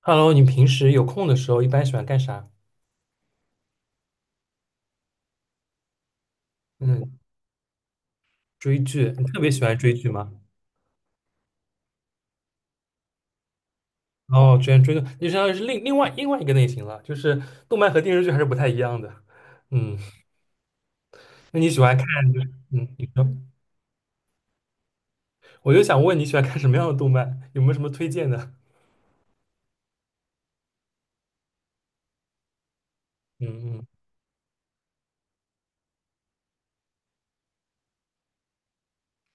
Hello，你平时有空的时候一般喜欢干啥？嗯，追剧，你特别喜欢追剧吗？哦，居然追的，就相当于是另外一个类型了，就是动漫和电视剧还是不太一样的。嗯，那你喜欢看就是你说，我就想问你喜欢看什么样的动漫？有没有什么推荐的？嗯嗯，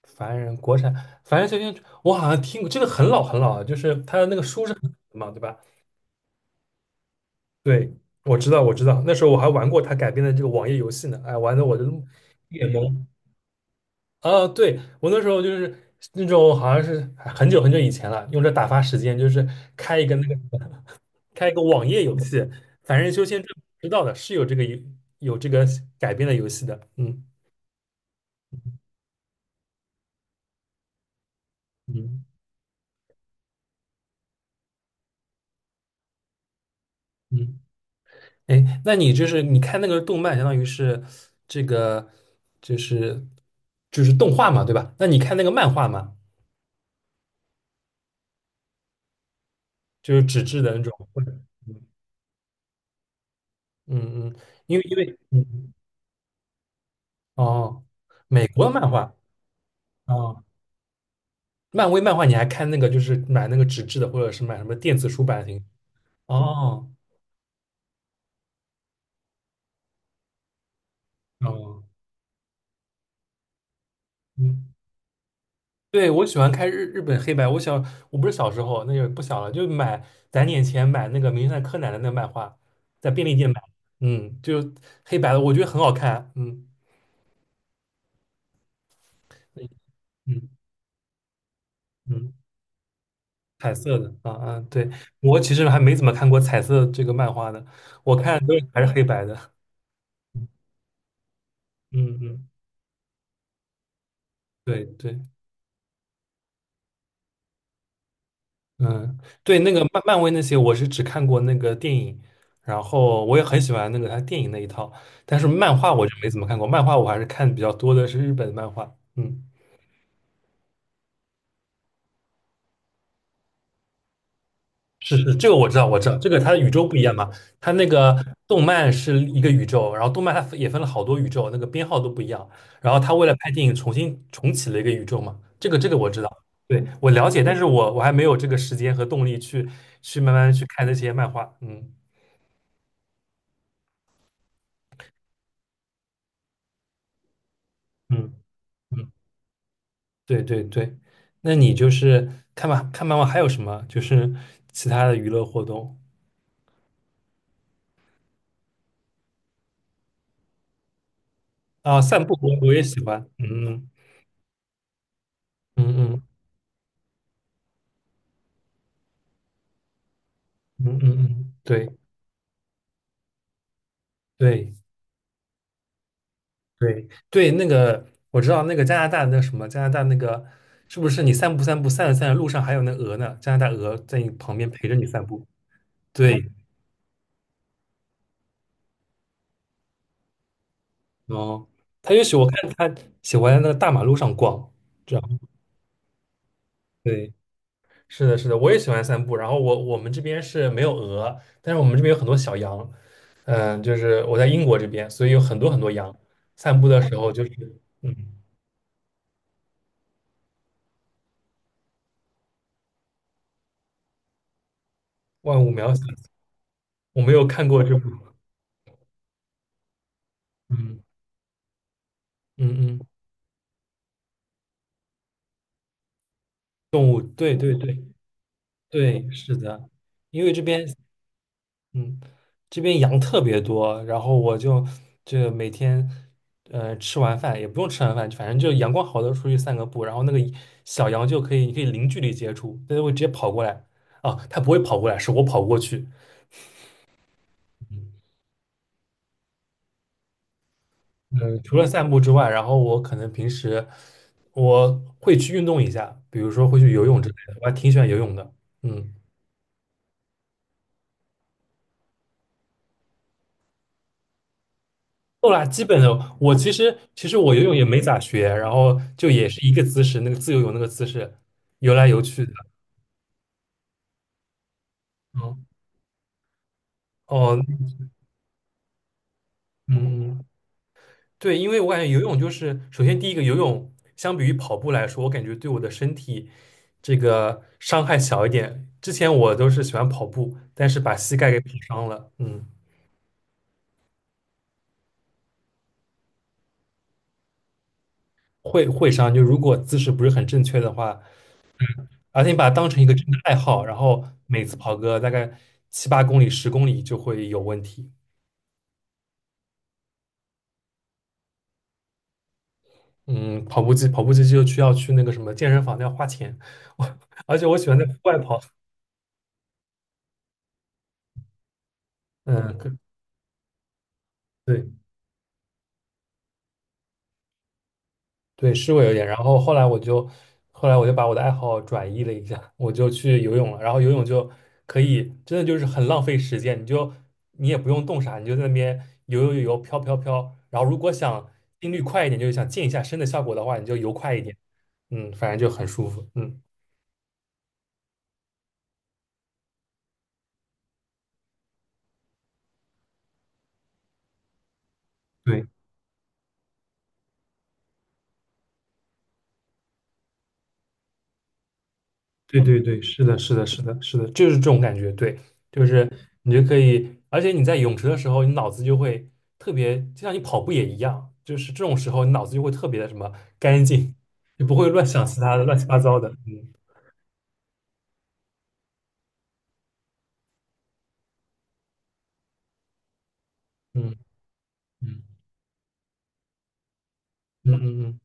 凡人国产，凡人修仙，我好像听过这个很老了，就是他的那个书是很老的嘛，对吧？对，我知道，那时候我还玩过他改编的这个网页游戏呢，哎，玩的我都一脸懵。啊，对，我那时候就是那种好像是很久以前了，用这打发时间，就是开一个那个 开一个网页游戏，凡人修仙传知道的是有这个游有这个改编的游戏的，嗯。嗯嗯，哎，那你就是你看那个动漫，相当于是这个就是就是动画嘛，对吧？那你看那个漫画嘛，就是纸质的那种，或者嗯。嗯，因为哦，美国漫画。哦。漫威漫画你还看那个，就是买那个纸质的，或者是买什么电子书版型？哦，哦，嗯，对，我喜欢看日本黑白。我不是小时候，那个不小了，就攒点钱买那个《名侦探柯南》的那个漫画，在便利店买，嗯，就黑白的，我觉得很好看，嗯。嗯嗯，嗯彩色的，啊啊，对，我其实还没怎么看过彩色这个漫画的，我看都是还是黑白的，嗯。嗯，嗯对对。嗯，对，那个漫威那些，我是只看过那个电影，然后我也很喜欢那个他电影那一套，但是漫画我就没怎么看过，漫画我还是看比较多的是日本漫画。嗯，是是，这个我知道，这个它的宇宙不一样嘛，它那个动漫是一个宇宙，然后动漫它也分了好多宇宙，那个编号都不一样，然后他为了拍电影重启了一个宇宙嘛，这个我知道，对，我了解，但是我还没有这个时间和动力去慢慢去看那些漫画。嗯嗯。嗯对对对，那你就是看吧，看妈妈还有什么？就是其他的娱乐活动啊，散步我也喜欢，嗯。嗯嗯嗯。嗯嗯，对对对对，那个我知道那个加拿大那什么加拿大那个是不是你散步散着路上还有那鹅呢？加拿大鹅在你旁边陪着你散步，对哦，他也许我看他喜欢在那个大马路上逛，这样对。是的，是的，我也喜欢散步。然后我们这边是没有鹅，但是我们这边有很多小羊。嗯，就是我在英国这边，所以有很多羊。散步的时候就是嗯，万物渺小。我没有看过这部，嗯。嗯嗯，动物，对对对对，是的，因为这边嗯，这边羊特别多，然后就每天吃完饭也不用吃完饭，反正就阳光好的时候出去散个步，然后那个小羊就可以你可以零距离接触，它就会直接跑过来。哦，它不会跑过来，是我跑过去。嗯，除了散步之外，然后我可能平时我会去运动一下，比如说会去游泳之类的，我还挺喜欢游泳的。嗯。够啦，基本的。我其实我游泳也没咋学，然后就也是一个姿势，那个自由泳那个姿势，游来游去的。嗯，哦，嗯，嗯对，因为我感觉游泳就是，首先第一个游泳相比于跑步来说，我感觉对我的身体这个伤害小一点。之前我都是喜欢跑步，但是把膝盖给跑伤了。嗯，会会伤，就如果姿势不是很正确的话，而且你把它当成一个真的爱好，然后每次跑个大概七八公里、十公里就会有问题。嗯，跑步机，跑步机就需要去那个什么健身房，要花钱。我而且我喜欢在户外跑，嗯，可对对，是会有点。后来我就把我的爱好转移了一下，我就去游泳了。然后游泳就可以，真的就是很浪费时间，你也不用动啥，你就在那边游游游游，飘飘飘。然后如果想心率快一点，就是想健一下身的效果的话，你就游快一点，嗯，反正就很舒服，嗯。对。对对对，是的，是的，是的，是的，就是这种感觉。对，就是你就可以，而且你在泳池的时候，你脑子就会特别，就像你跑步也一样，就是这种时候，你脑子就会特别的什么干净，就不会乱想其他的乱七八糟的。嗯嗯。嗯嗯。嗯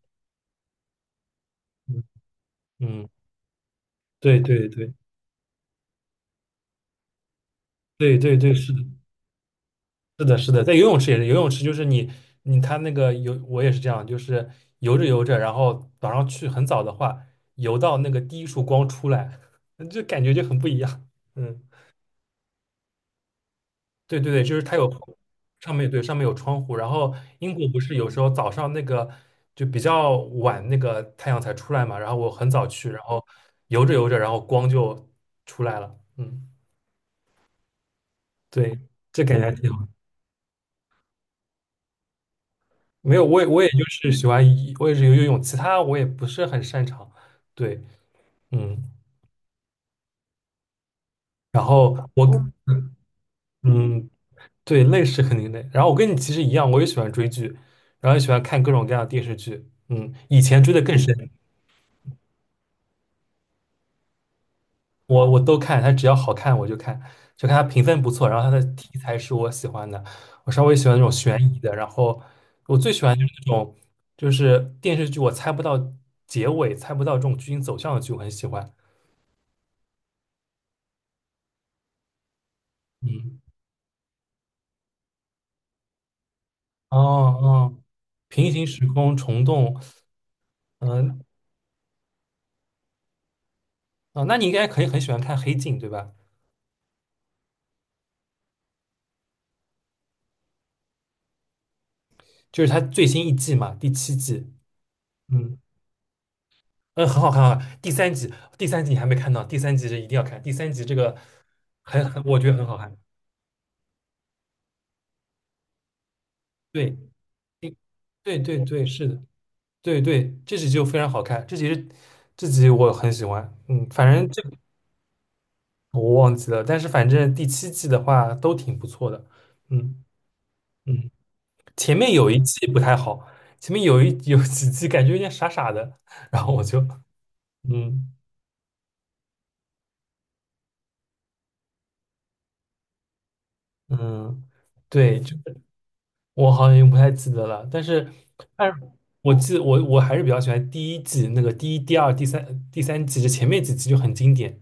嗯嗯，嗯对对对对对对，是的。是的，是的，在游泳池也是，游泳池就是你你他那个游，我也是这样，就是游着游着，然后早上去很早的话，游到那个第一束光出来，就感觉就很不一样。嗯，对对对，就是它有上面有窗户，然后英国不是有时候早上那个就比较晚那个太阳才出来嘛，然后我很早去，然后游着游着，然后光就出来了。嗯，对，这感觉还挺好。没有，我也就是喜欢游，我也是游游泳，其他我也不是很擅长。对，嗯，然后我跟，嗯，对，累是肯定累。然后我跟你其实一样，我也喜欢追剧，然后也喜欢看各种各样的电视剧。嗯，以前追的更深，我都看，它只要好看我就看，就看它评分不错，然后它的题材是我喜欢的，我稍微喜欢那种悬疑的，然后我最喜欢就是那种就是电视剧我猜不到结尾，猜不到这种剧情走向的剧，我很喜欢。嗯。哦哦，平行时空虫洞，嗯哦，那你应该可以很喜欢看《黑镜》对吧？就是它最新一季嘛，第七季，嗯。嗯，很好看啊。第三集，第三集你还没看到，第三集是一定要看，第三集这个很很，我觉得很好看。对，第对对对，是的，对对，这集就非常好看，这集我很喜欢，嗯，反正这个我忘记了，但是反正第七季的话都挺不错的，嗯。嗯。前面有一季不太好，前面有几季感觉有点傻傻的，然后我就嗯。嗯，对，就我好像也不太记得了，但是但是我记得我还是比较喜欢第一季那个第一、第二、第三、第三季，这前面几季就很经典，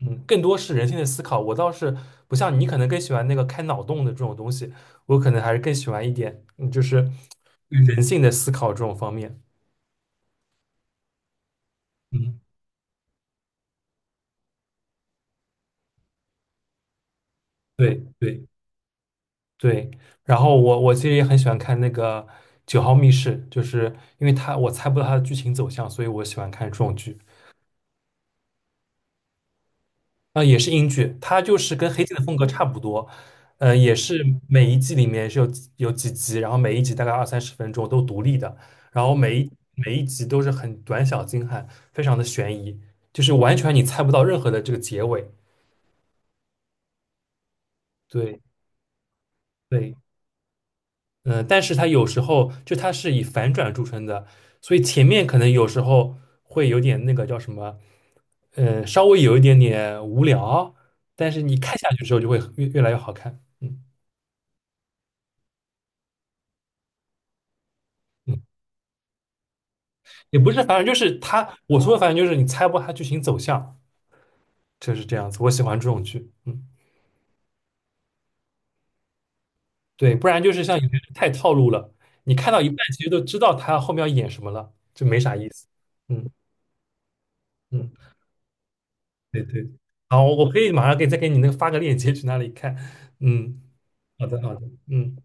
嗯，更多是人性的思考。我倒是不像你，可能更喜欢那个开脑洞的这种东西，我可能还是更喜欢一点，嗯，就是人性的思考这种方面。嗯，对对。对，然后我其实也很喜欢看那个《九号密室》，就是因为它我猜不到它的剧情走向，所以我喜欢看这种剧。啊、也是英剧，它就是跟《黑镜》的风格差不多，也是每一季里面是有几集，然后每一集大概二三十分钟都独立的，然后每一集都是很短小精悍，非常的悬疑，就是完全你猜不到任何的这个结尾。对对，嗯，但是它有时候就它是以反转著称的，所以前面可能有时候会有点那个叫什么，稍微有一点点无聊，但是你看下去之后就会越来越好看。嗯。嗯，也不是反正就是它，我说的反正就是你猜不到它剧情走向，就是这样子。我喜欢这种剧，嗯，对，不然就是像有些人太套路了，你看到一半其实都知道它后面要演什么了，就没啥意思。嗯。嗯。对对，好，我可以马上给再给你那个发个链接去那里看。嗯，好的好的，嗯。